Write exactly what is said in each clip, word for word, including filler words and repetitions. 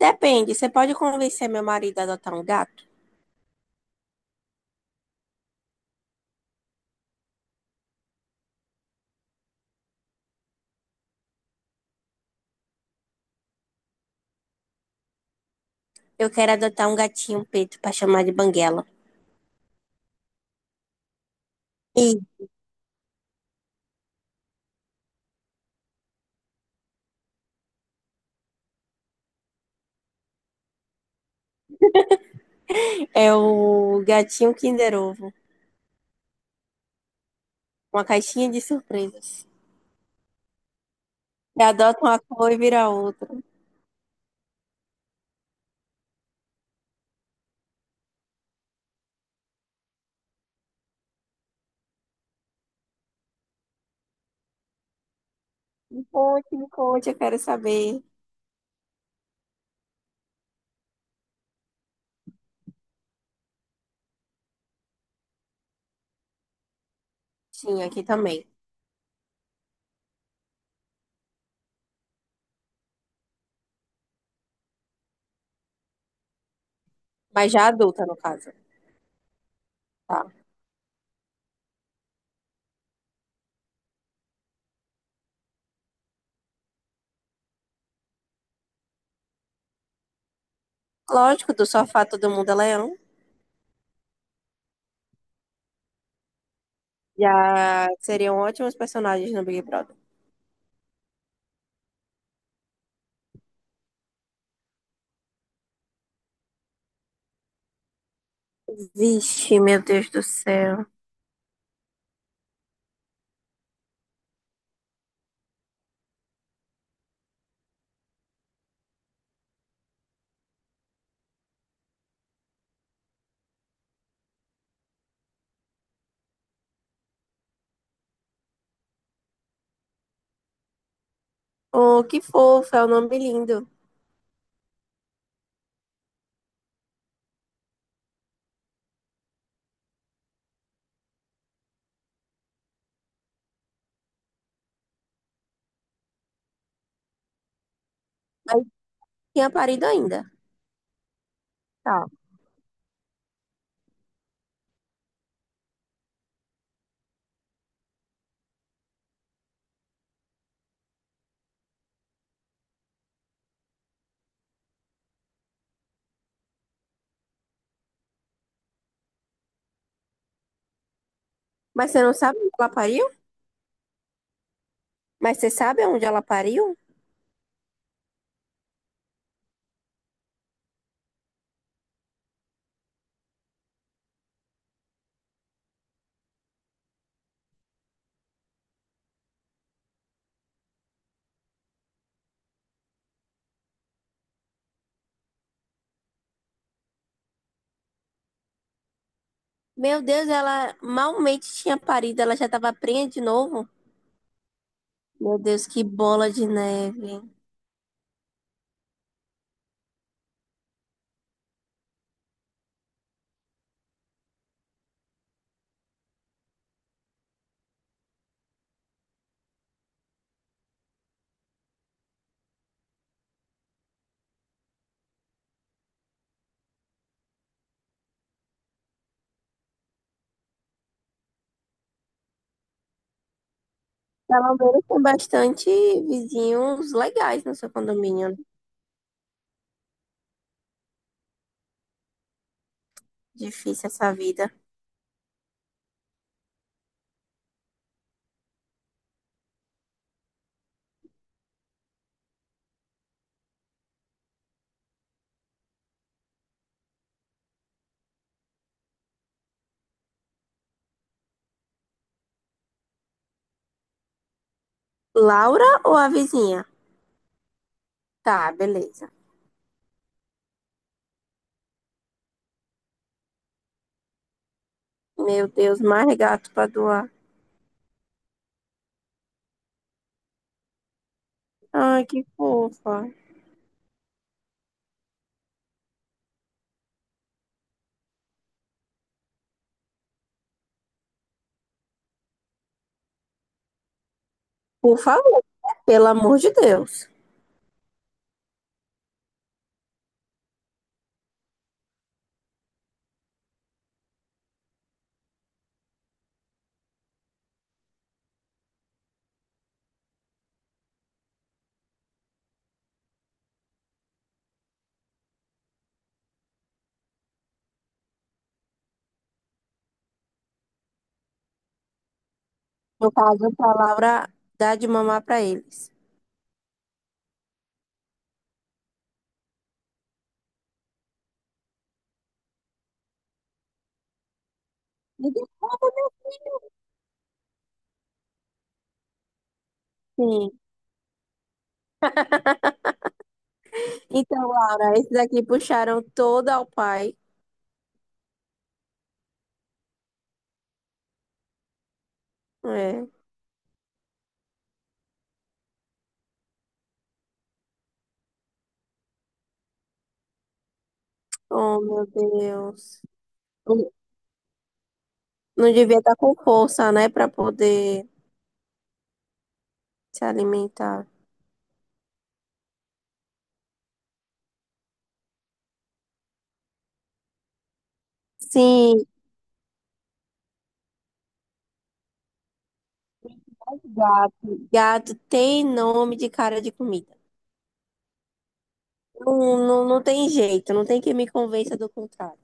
Depende, você pode convencer meu marido a adotar um gato? Eu quero adotar um gatinho preto pra chamar de Banguela. E é o gatinho Kinder Ovo, uma caixinha de surpresas. Você adota uma cor e vira outra. Me conte, me conte, eu quero saber. Sim, aqui também. Mas já adulta, no caso. Tá. Lógico, do sofá todo mundo é leão. Já seriam ótimos personagens no Big Brother. Vixe, meu Deus do céu. Oh, que fofo, é um nome lindo. Mas não tinha parido ainda. Tá. Mas você não sabe onde ela pariu? Mas você sabe onde ela pariu? Meu Deus, ela malmente tinha parido, ela já tava prenha de novo. Meu Deus, que bola de neve. Pelo menos tem bastante vizinhos legais no seu condomínio, né? Difícil essa vida. Laura ou a vizinha? Tá, beleza. Meu Deus, mais gato pra doar. Ai, que fofa. Por favor, né? Pelo amor de Deus. No caso, pra Laura dar de mamar pra eles. Me desculpa, meu filho. Então, Laura, esses aqui puxaram todo ao pai. É. Oh, meu Deus. Não, não devia estar com força, né, para poder se alimentar. Sim, gato. Gato tem nome de cara de comida. Não, não, não tem jeito, não tem que me convença do contrário.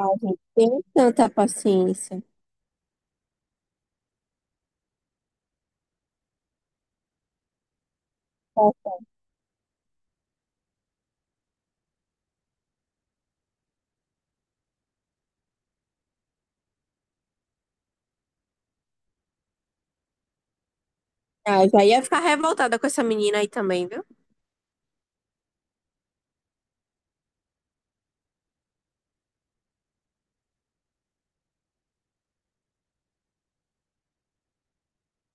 A gente tem tanta paciência. Ah, já ia ficar revoltada com essa menina aí também, viu?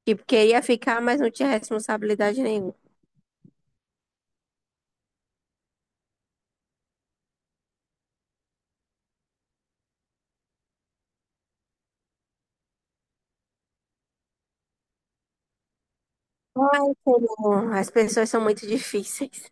Tipo, queria ficar, mas não tinha responsabilidade nenhuma. Ai, Senhor, as pessoas são muito difíceis.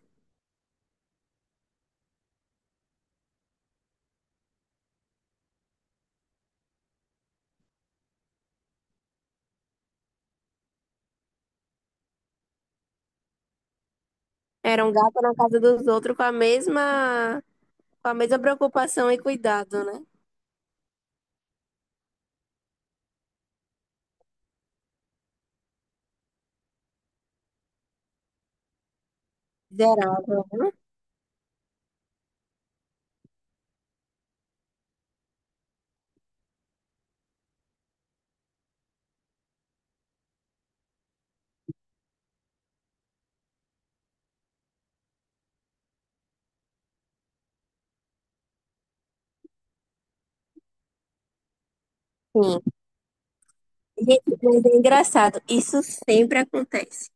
Era um gato na casa dos outros com a mesma, com a mesma preocupação e cuidado, né? Miserável. Sim. Gente, mas é engraçado, isso sempre acontece.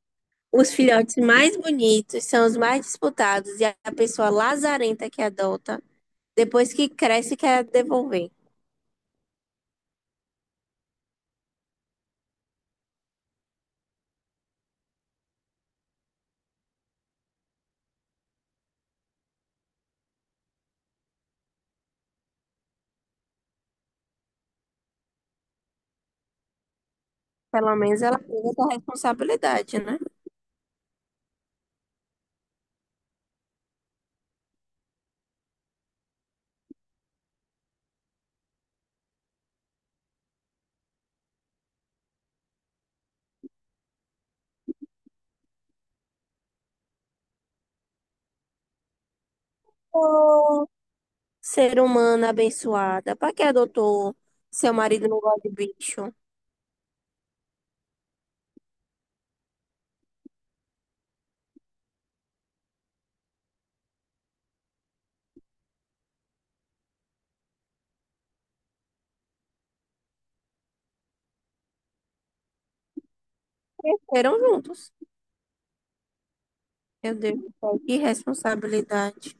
Os filhotes mais bonitos são os mais disputados e a pessoa lazarenta que adota, depois que cresce, quer devolver. Pelo menos ela tem essa responsabilidade, né? Ô, ser humano abençoada, pra que adotou seu marido não gosta de bicho? Cresceram juntos. Meu Deus do céu, que responsabilidade.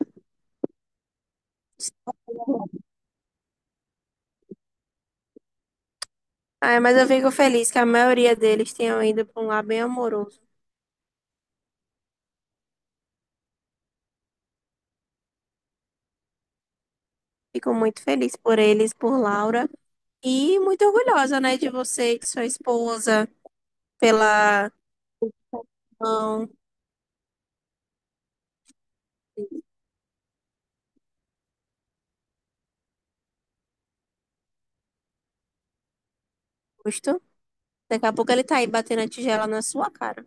Ah, mas eu fico feliz que a maioria deles tenham ido para um lar bem amoroso. Fico muito feliz por eles, por Laura. E muito orgulhosa, né, de você, de sua esposa, pela mão. Justo. Daqui a pouco ele tá aí batendo a tigela na sua cara.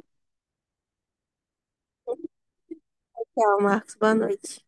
Tchau, Marcos. Boa noite.